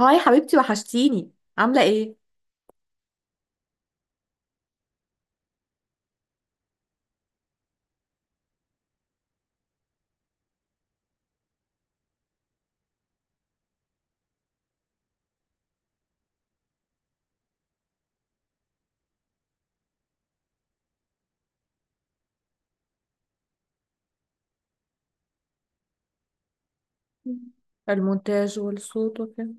هاي حبيبتي، وحشتيني. عاملة ايه؟ مم. المونتاج والصوت وكده.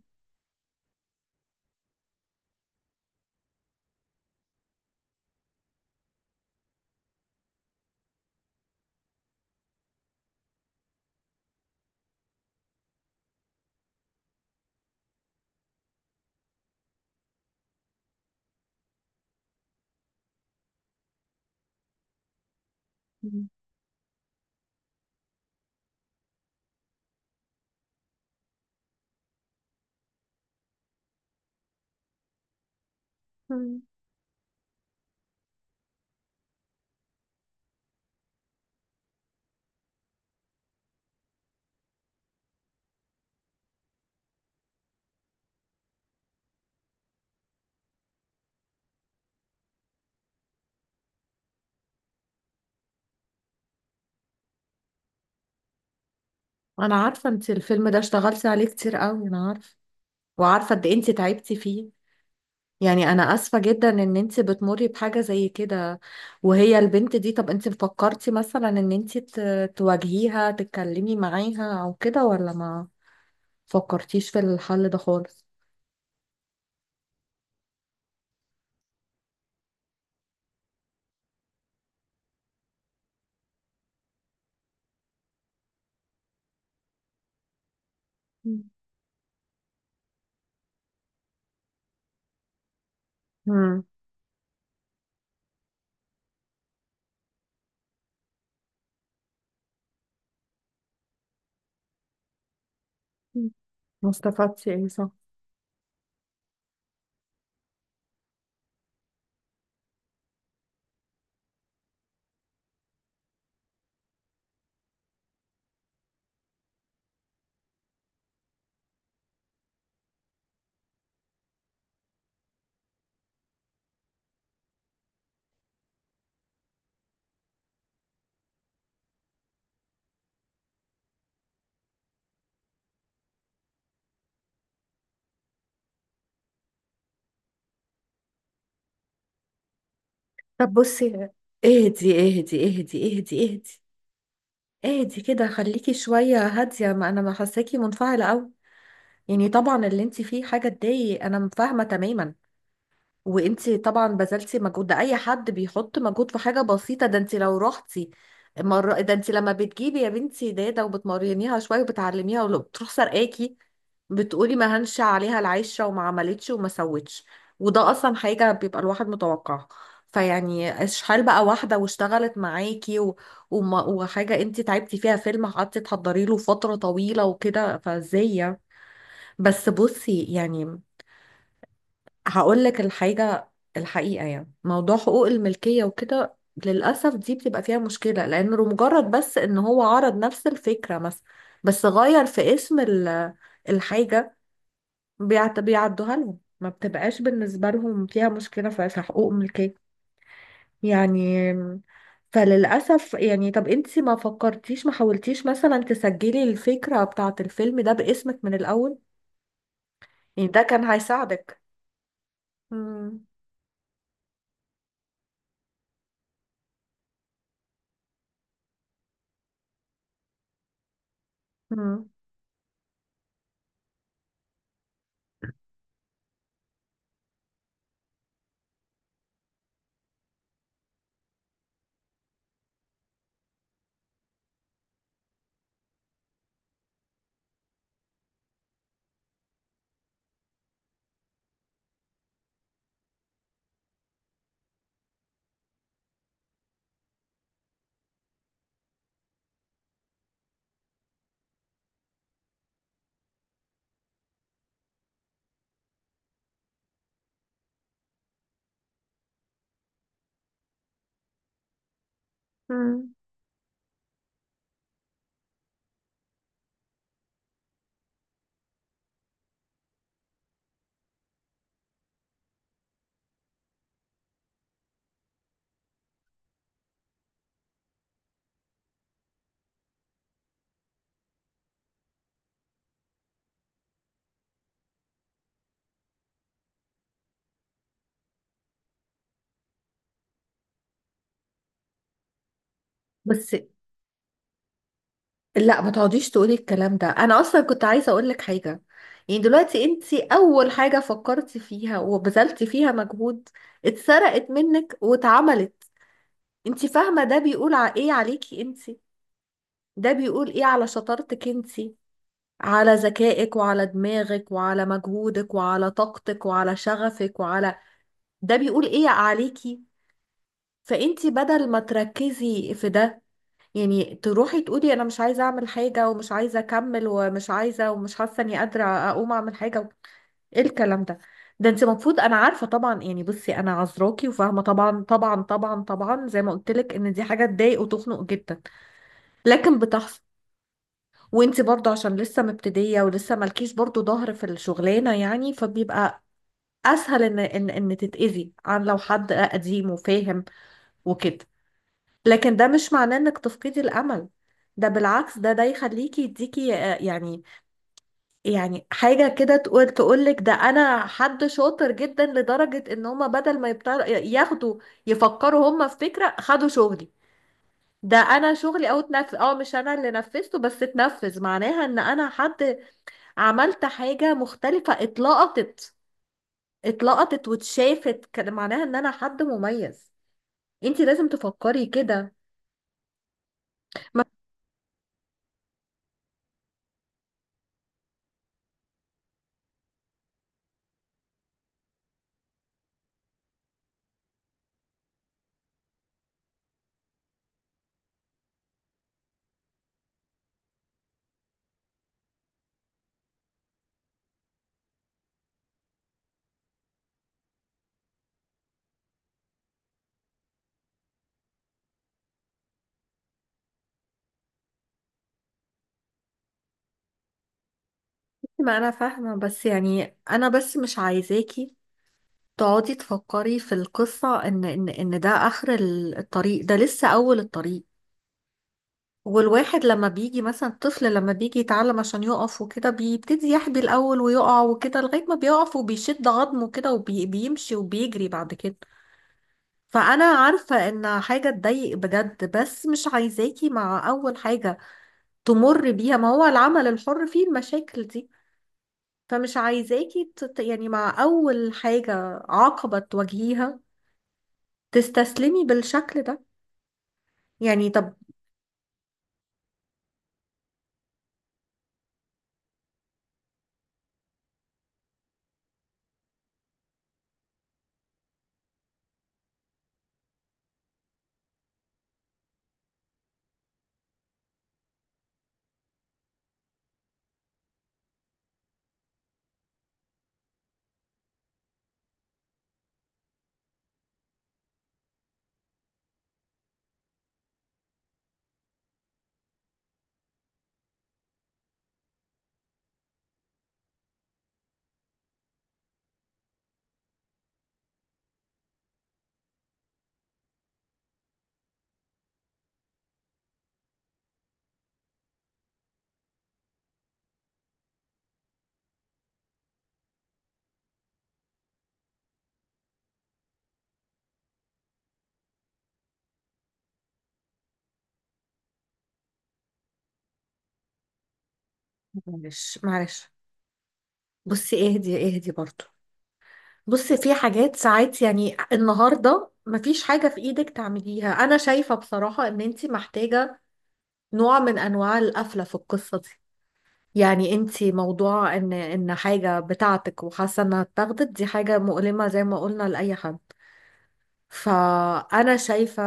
مم. مم. انا عارفة انت الفيلم ده اشتغلتي عليه كتير قوي، انا عارفة. وعارفة قد ايه انت تعبتي فيه. يعني انا اسفة جدا ان انت بتمري بحاجة زي كده. وهي البنت دي، طب انت فكرتي مثلا ان انت تواجهيها، تتكلمي معاها او كده، ولا ما فكرتيش في الحل ده خالص؟ مم. مم. ما استفدتي ايه، صح؟ طب بصي، اهدي اهدي اهدي. اهدي. اهدي اهدي كده، خليكي شوية هادية، ما انا ما حاساكي منفعلة قوي. يعني طبعا اللي انت فيه حاجة تضايق، انا فاهمة تماما. وانتي طبعا بذلتي مجهود، ده اي حد بيحط مجهود في حاجه بسيطه، ده انتي لو رحتي مرة، ده انتي لما بتجيبي يا بنتي داده وبتمرنيها شويه وبتعلميها، ولو بتروح سرقاكي بتقولي ما هنش عليها العشره وما عملتش وما سوتش. وده اصلا حاجه بيبقى الواحد متوقعها. فيعني اشحال بقى واحده واشتغلت معاكي وحاجه انتي تعبتي فيها، فيلم قعدتي تحضري له فتره طويله وكده، فازاي يعني؟ بس بصي، يعني هقول لك الحاجة الحقيقة. يعني موضوع حقوق الملكية وكده، للأسف دي بتبقى فيها مشكلة، لأنه مجرد بس إن هو عرض نفس الفكرة مثلا، بس غير في اسم الحاجة، بيعدوها لهم، ما بتبقاش بالنسبة لهم فيها مشكلة في حقوق الملكية. يعني فللأسف. يعني طب انتي ما فكرتيش، ما حاولتيش مثلا تسجلي الفكرة بتاعة الفيلم ده باسمك من الأول؟ يعني ده كان هيساعدك. مم. مم. مم. بس لا، ما تقعديش تقولي الكلام ده، انا اصلا كنت عايزه اقول لك حاجه. يعني دلوقتي انت اول حاجه فكرتي فيها وبذلتي فيها مجهود، اتسرقت منك واتعملت. انت فاهمه ده بيقول ايه عليكي انت؟ ده بيقول ايه على شطارتك انت، على ذكائك وعلى دماغك وعلى مجهودك وعلى طاقتك وعلى شغفك ده بيقول ايه عليكي. فانت بدل ما تركزي في ده، يعني تروحي تقولي انا مش عايزه اعمل حاجه ومش عايزه اكمل ومش عايزه ومش حاسه اني قادره اقوم اعمل حاجه ايه الكلام ده؟ ده انت المفروض، انا عارفه طبعا يعني، بصي انا عذراكي وفاهمه طبعا طبعا طبعا طبعا، زي ما قلت لك ان دي حاجه تضايق وتخنق جدا، لكن بتحصل. وانت برضه عشان لسه مبتديه ولسه مالكيش برضه ظهر في الشغلانه، يعني فبيبقى اسهل ان تتاذي، عن لو حد قديم وفاهم وكده. لكن ده مش معناه انك تفقدي الامل. ده بالعكس، ده يخليكي يديكي يعني، يعني حاجة كده تقول، تقولك ده انا حد شاطر جدا، لدرجة ان هما بدل ما ياخدوا، يفكروا هما في فكرة، خدوا شغلي. ده انا شغلي او اتنفذ، اه مش انا اللي نفذته، بس اتنفذ، معناها ان انا حد عملت حاجة مختلفة. اتلقطت، اتلقطت واتشافت، كان معناها ان انا حد مميز. انتي لازم تفكري كده. ما ما انا فاهمه، بس يعني انا بس مش عايزاكي تقعدي تفكري في القصه ان ده اخر الطريق. ده لسه اول الطريق. والواحد لما بيجي مثلا، الطفل لما بيجي يتعلم عشان يقف وكده، بيبتدي يحبي الاول ويقع وكده لغايه ما بيقف وبيشد عظمه كده وبيمشي وبيجري بعد كده. فانا عارفه ان حاجه تضايق بجد، بس مش عايزاكي مع اول حاجه تمر بيها، ما هو العمل الحر فيه المشاكل دي. فمش عايزاكي يعني مع أول حاجة، عقبة تواجهيها تستسلمي بالشكل ده. يعني طب، معلش معلش. بصي اهدي اهدي برضو. بصي في حاجات ساعات، يعني النهاردة مفيش حاجة في ايدك تعمليها، أنا شايفة بصراحة إن انتي محتاجة نوع من أنواع القفلة في القصة دي. يعني انتي موضوع ان حاجة بتاعتك وحاسة انها اتاخدت، دي حاجة مؤلمة زي ما قلنا لأي حد. فأنا شايفة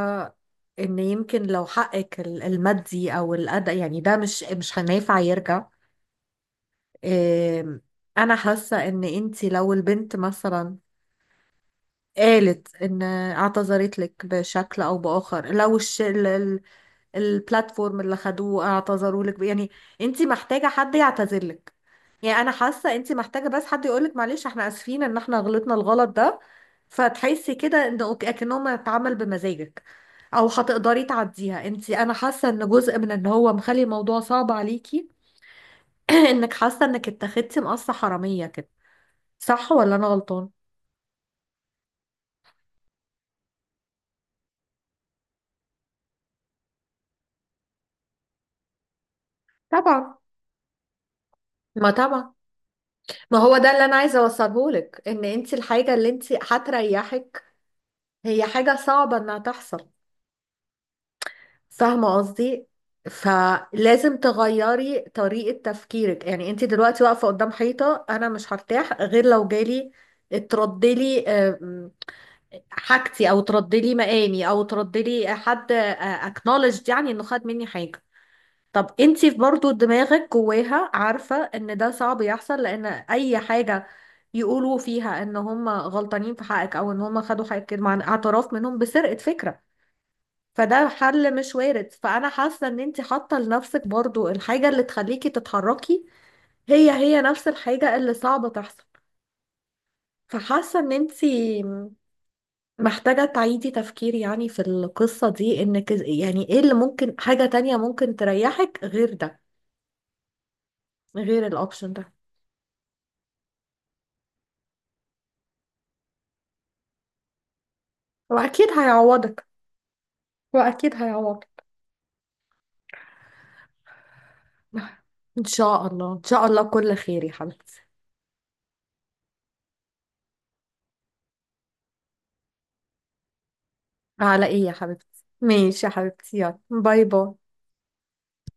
إن يمكن لو حقك المادي أو الأداء يعني، ده مش هينفع يرجع. إيه، أنا حاسة إن أنتي لو البنت مثلا قالت إن اعتذرت لك بشكل أو بآخر، لو البلاتفورم اللي خدوه اعتذروا لك، يعني انت محتاجه حد يعتذر لك. يعني انا حاسه انت محتاجه بس حد يقول لك معلش احنا اسفين ان احنا غلطنا الغلط ده، فتحسي كده ان اكنهم اتعمل بمزاجك، او هتقدري تعديها انت. انا حاسه ان جزء من ان هو مخلي الموضوع صعب عليكي انك حاسه انك اتخذتي مقصه حراميه كده، صح ولا انا غلطان؟ طبعا، ما طبعا. ما هو ده اللي انا عايزه اوصله لك، ان انت الحاجه اللي انت هتريحك هي حاجه صعبه انها تحصل. فاهمة قصدي؟ فلازم تغيري طريقة تفكيرك. يعني انت دلوقتي واقفة قدام حيطة، انا مش هرتاح غير لو جالي تردلي حاجتي، او تردلي مقامي، او تردلي حد اكنولج يعني انه خد مني حاجة. طب انت برضو دماغك جواها عارفة ان ده صعب يحصل، لان اي حاجة يقولوا فيها ان هم غلطانين في حقك او ان هم خدوا حقك مع اعتراف منهم بسرقة فكرة، فده حل مش وارد. فانا حاسه ان انت حاطه لنفسك برضو الحاجه اللي تخليكي تتحركي، هي هي نفس الحاجه اللي صعبه تحصل. فحاسه ان انت محتاجه تعيدي تفكير يعني في القصه دي، انك يعني ايه اللي ممكن، حاجه تانية ممكن تريحك غير ده، غير الاوبشن ده. واكيد هيعوضك، واكيد هيعوضك. ان شاء الله ان شاء الله كل خير يا حبيبتي. على ايه يا حبيبتي؟ ماشي يا حبيبتي، يلا باي باي.